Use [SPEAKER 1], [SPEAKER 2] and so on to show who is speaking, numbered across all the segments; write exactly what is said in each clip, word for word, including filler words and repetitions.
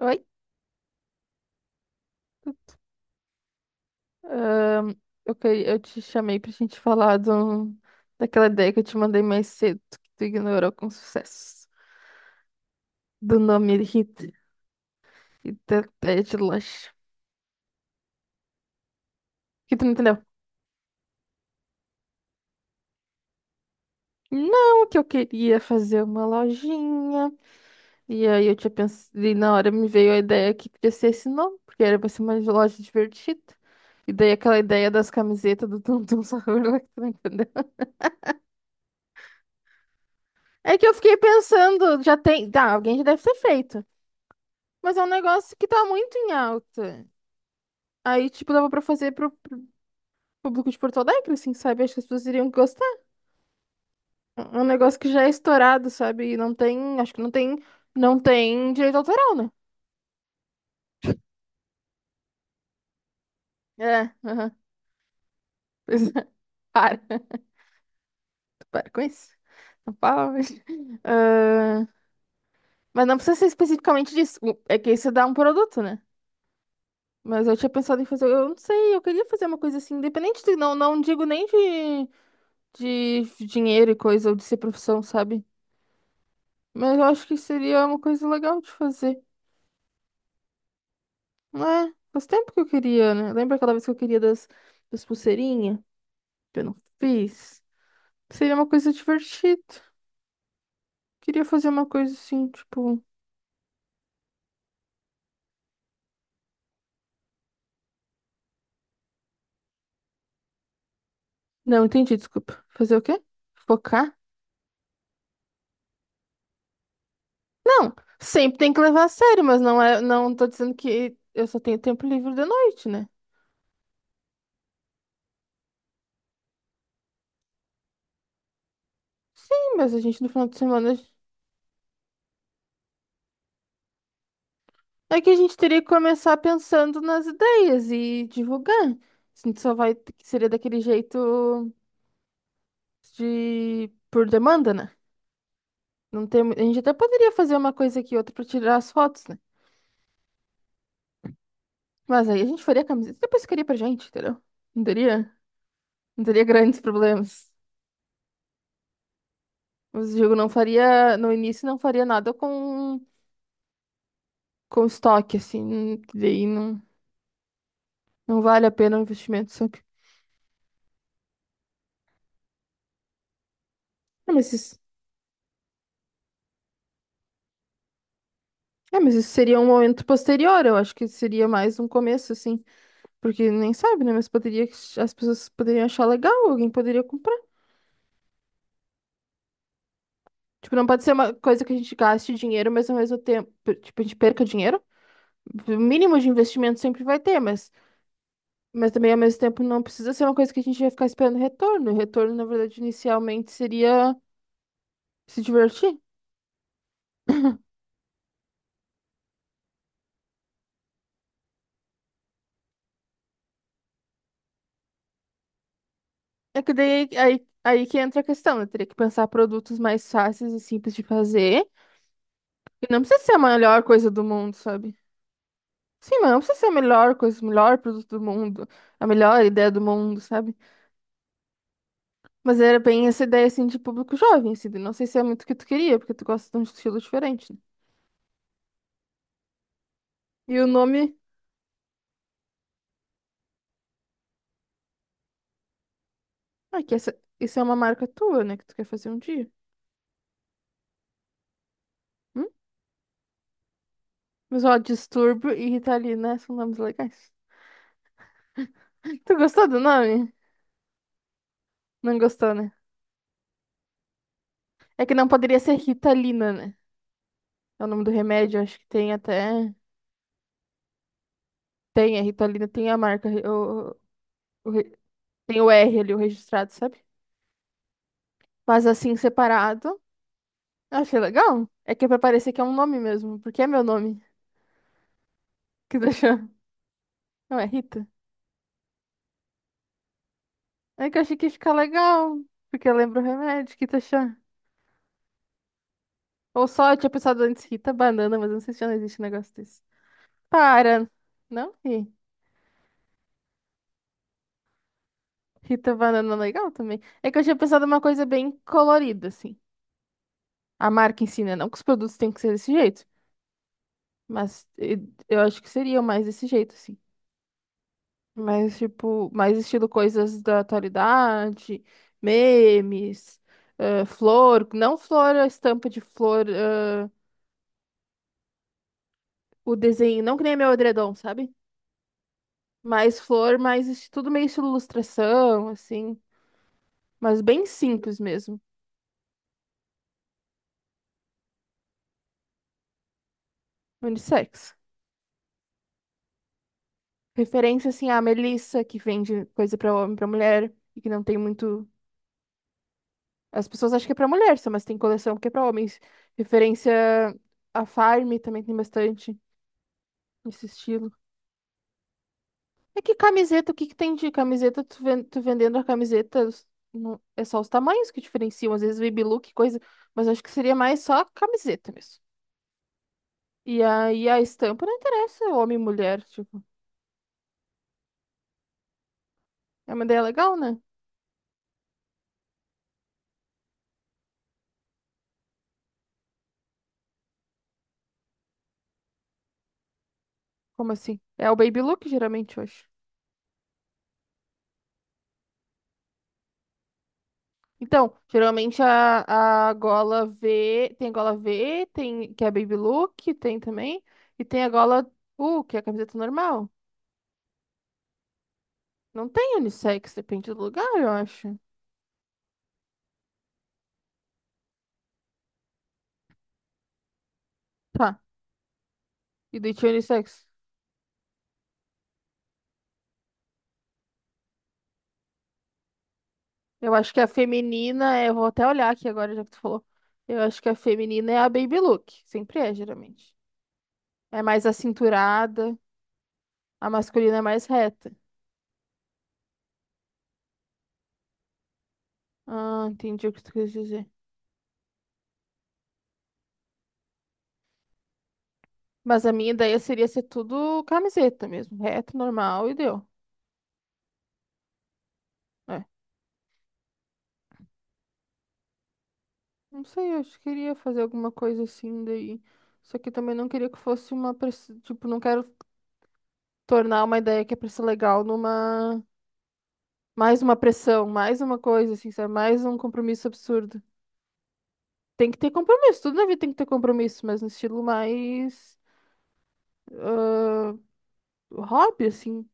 [SPEAKER 1] Oi? Ahn, eu, que- eu te chamei pra gente falar do, daquela ideia que eu te mandei mais cedo, que tu ignorou com sucesso. Do nome Rita e da ideia de loja. Que tu não entendeu? Não, que eu queria fazer uma lojinha. E aí eu tinha pensado, e na hora me veio a ideia que podia ser esse nome, porque era pra ser uma loja divertida. E daí aquela ideia das camisetas do Tum Tum Sahur, lá que tu não entendeu. É que eu fiquei pensando, já tem. Tá, alguém já deve ter feito. Mas é um negócio que tá muito em alta. Aí, tipo, dava pra fazer pro, pro público de Porto Alegre, assim, sabe? Acho que as pessoas iriam gostar. É um negócio que já é estourado, sabe? E não tem, acho que não tem, não tem direito autoral, né? É, aham. Pois é. Para. Para com isso. Não fala, mas... Ah, mas não precisa ser especificamente disso. O- É que isso dá um produto, né? Mas eu tinha pensado em fazer, eu não sei, eu queria fazer uma coisa assim, independente de, não, não digo nem de, de dinheiro e coisa, ou de ser profissão, sabe? Mas eu acho que seria uma coisa legal de fazer. Não é? Faz tempo que eu queria, né? Lembra aquela vez que eu queria das, das pulseirinhas? Que eu não fiz. Seria uma coisa divertida. Queria fazer uma coisa assim, tipo. Não, entendi, desculpa. Fazer o quê? Focar? Não, sempre tem que levar a sério, mas não é. Não tô dizendo que eu só tenho tempo livre de noite, né? Sim, mas a gente no final de semana. É que a gente teria que começar pensando nas ideias e divulgar. A gente só vai. Seria daquele jeito. De por demanda, né? Não tem, a gente até poderia fazer uma coisa aqui outra pra tirar as fotos, né? Mas aí a gente faria a camiseta e depois ficaria pra gente, entendeu? Não teria, não teria grandes problemas. Mas o jogo não faria, no início não faria nada com com estoque assim, não- daí não não vale a pena o investimento, sabe? É, mas isso, é, mas isso seria um momento posterior, eu acho que seria mais um começo assim, porque nem sabe, né? Mas poderia as pessoas poderiam achar legal, alguém poderia comprar. Tipo, não pode ser uma coisa que a gente gaste dinheiro, mas ao mesmo tempo, tipo, a gente perca dinheiro. O mínimo de investimento sempre vai ter, mas, mas também ao mesmo tempo não precisa ser uma coisa que a gente vai ficar esperando retorno. O retorno, na verdade, inicialmente seria se divertir. É que daí aí, aí que entra a questão, né? Teria que pensar produtos mais fáceis e simples de fazer. E não precisa ser a melhor coisa do mundo, sabe? Sim, mas não precisa ser a melhor coisa, o melhor produto do mundo, a melhor ideia do mundo, sabe? Mas era bem essa ideia, assim, de público jovem, assim. Não sei se é muito o que tu queria, porque tu gosta de um estilo diferente, né? E o nome... Ah, que essa... Isso é uma marca tua, né? Que tu quer fazer um dia. Hum? Mas, ó, Distúrbio e Ritalina são nomes legais. Tu gostou do nome? Não gostou, né? É que não poderia ser Ritalina, né? É o nome do remédio, acho que tem até... Tem, a Ritalina tem a marca... O... o re- Tem o R ali, o registrado, sabe? Mas assim, separado, eu achei legal. É que é pra parecer que é um nome mesmo, porque é meu nome que deixou. Não, é Rita. É que eu achei que ia ficar legal, porque eu lembro o remédio, que tá achando. Ou só eu tinha pensado antes Rita Banana, mas eu não sei se já não existe um negócio desse. Para! Não ri. Rita Banana é legal também. É que eu tinha pensado uma coisa bem colorida, assim. A marca ensina, não que os produtos tenham que ser desse jeito, mas eh, eu acho que seriam mais desse jeito, assim. Mais, tipo, mais estilo coisas da atualidade, memes, eh, flor, não flor, a estampa de flor. Ah, o desenho, não que nem meu edredom, sabe? Mais flor, mais es- tudo meio estilo ilustração, assim, mas bem simples mesmo, unissex. Referência, assim, à Melissa, que vende coisa pra homem, pra mulher, e que não tem muito... As pessoas acham que é pra mulher só, mas tem coleção que é pra homens. Referência à Farm também tem bastante nesse estilo. É que camiseta, o que que tem de camiseta? Tu, ven- tu vendendo a camiseta, os- não- é só os tamanhos que diferenciam, às vezes baby look, coisa, mas acho que seria mais só camiseta mesmo. E aí a estampa não interessa homem e mulher, tipo. É uma ideia legal, né? Como assim? É o baby look, geralmente, eu acho. Então, geralmente a, a gola V, tem a gola V, tem, que é baby look, tem também, e tem a gola U, que é a camiseta normal. Não tem unissex, depende do lugar, eu acho. Tá, e daí tinha unissex. Eu acho que a feminina, é- eu vou até olhar aqui agora, já que tu falou. Eu acho que a feminina é a baby look, sempre é, geralmente. É mais acinturada. A masculina é mais reta. Ah, entendi o que tu quis dizer. Mas a minha ideia seria ser tudo camiseta mesmo, reto, normal e deu. É. Não sei, eu acho que queria fazer alguma coisa assim daí. Só que também não queria que fosse uma pressão. Tipo, não quero tornar uma ideia que é pra ser legal numa. Mais uma pressão, mais uma coisa, assim, sabe? Mais um compromisso absurdo. Tem que ter compromisso, tudo na vida tem que ter compromisso, mas no estilo mais. ah, Hobby, assim.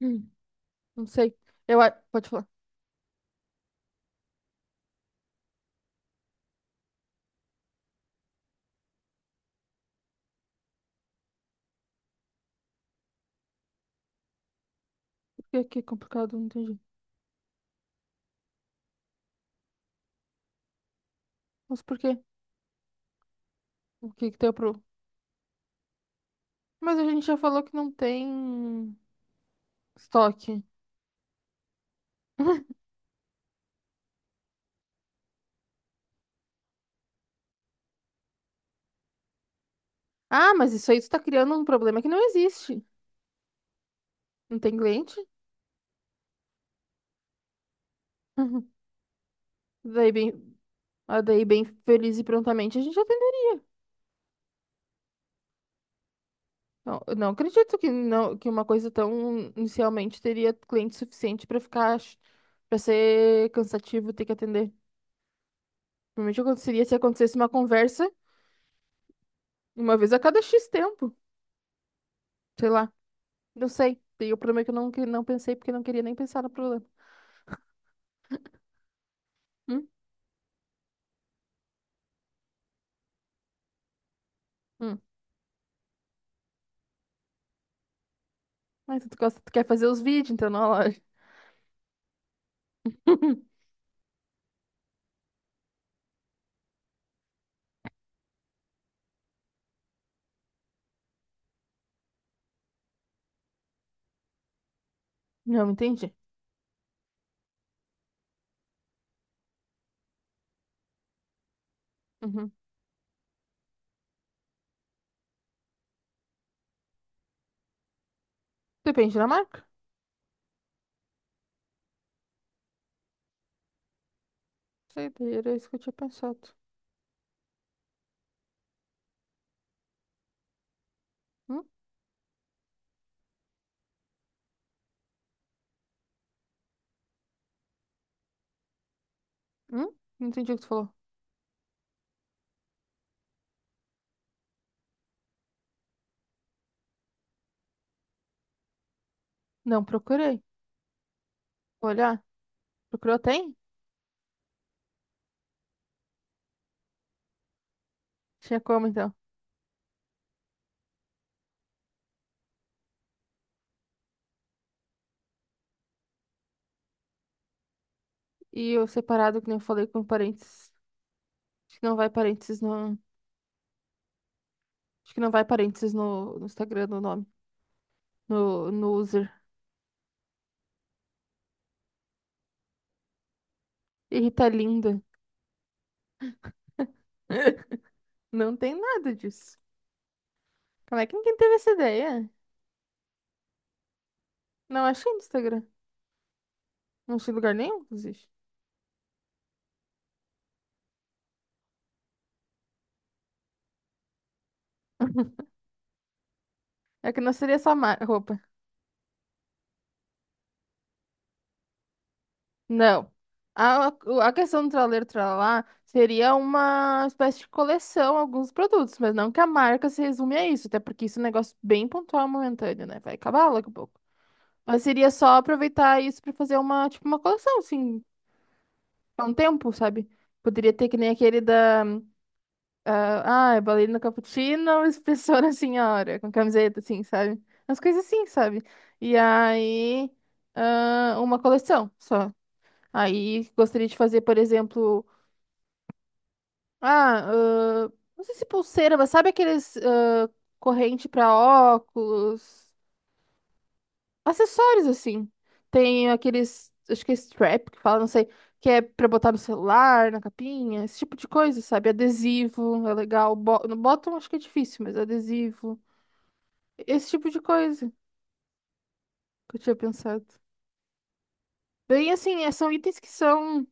[SPEAKER 1] Não sei. Eu a- Pode falar. que que é complicado? Não entendi. Mas por quê? O que que tem pro... Mas a gente já falou que não tem estoque. Ah, mas isso aí tu tá criando um problema que não existe. Não tem cliente? Uhum. Daí bem, ah, daí bem feliz e prontamente a gente atendeu. Não, eu não acredito que não que uma coisa tão inicialmente teria cliente suficiente pra ficar para ser cansativo ter que atender. Provavelmente aconteceria se acontecesse uma conversa uma vez a cada xis tempo, sei lá. Eu sei. E o problema é que eu não, que- não pensei porque eu não queria nem pensar no problema. Hum? Hum. Mas tu gosta, tu quer fazer os vídeos, então na loja. Não, entendi. Uhum. Depende da marca? Sei, daí era isso que eu tinha pensado. Hum? Hum? Não entendi o que tu falou. Não, procurei. Vou olhar. Procurou, tem? Tinha como, então. E o separado, que nem eu falei, com parênteses. Acho que não vai parênteses no... Acho que não vai parênteses no, no Instagram, no nome. No, no user. E Rita Linda. Não tem nada disso. Como é que ninguém teve essa ideia? Não achei no Instagram. Não achei em lugar nenhum, inclusive. É que não seria só ma- roupa. Não. A, a questão do traleiro tralalá seria uma espécie de coleção, alguns produtos, mas não que a marca se resume a isso, até porque isso é um negócio bem pontual, momentâneo, né? Vai acabar logo a pouco. Mas seria só aproveitar isso pra fazer uma, tipo, uma coleção, assim, há um tempo, sabe? Poderia ter que nem aquele da Ah, é bailarina cappuccino, espessora senhora, com camiseta, assim, sabe? As coisas assim, sabe? E aí, ah, uma coleção só. Aí, gostaria de fazer, por exemplo, ah, ah, não sei se pulseira, mas sabe aqueles ah, corrente pra óculos, acessórios, assim. Tem aqueles, acho que é strap que fala, não sei, que é pra botar no celular, na capinha, esse tipo de coisa, sabe? Adesivo, é legal. Bo- No bottom acho que é difícil, mas adesivo. Esse tipo de coisa que eu tinha pensado. Bem, assim, é- são itens que são.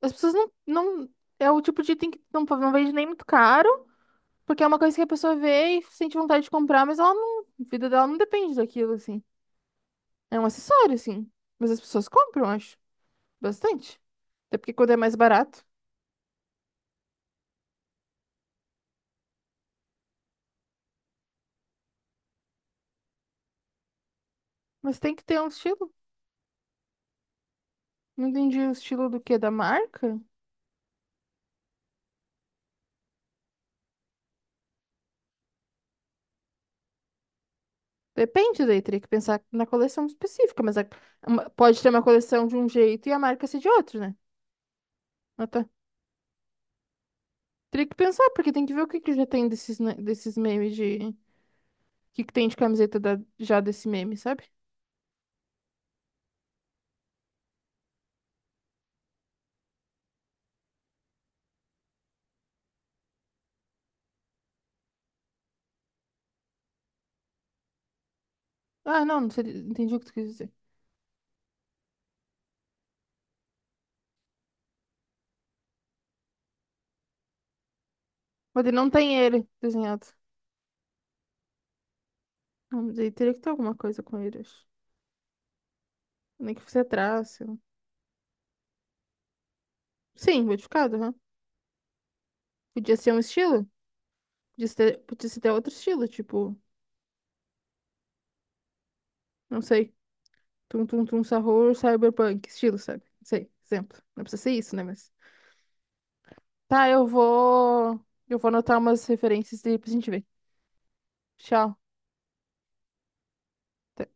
[SPEAKER 1] As pessoas não, não. É o tipo de item que não, não vende nem muito caro, porque é uma coisa que a pessoa vê e sente vontade de comprar, mas ela não. A vida dela não depende daquilo, assim. É um acessório, assim. Mas as pessoas compram, acho. Bastante. Até porque quando é mais barato. Mas tem que ter um estilo. Não entendi o estilo do quê? Da marca? Depende, daí teria que pensar na coleção específica, mas a- uma- pode ter uma coleção de um jeito e a marca ser de outro, né? Ah, tá. Teria que pensar, porque tem que ver o que que já tem desses, ne- desses memes de. O que que tem de camiseta da- já desse meme, sabe? Ah, não, não sei, entendi o que tu quis dizer. Mas ele não tem ele desenhado. Não, mas aí teria que ter alguma coisa com ele, acho. Nem que fosse traço. Sim, modificado, né? Podia ser um estilo. Podia ser, podia ser até outro estilo, tipo, não sei. Tum tum tum sarror, cyberpunk, estilo, sabe? Não sei, exemplo. Não precisa ser isso, né? Mas. Tá, eu vou. Eu vou anotar umas referências e depois a gente vê. Tchau. Até.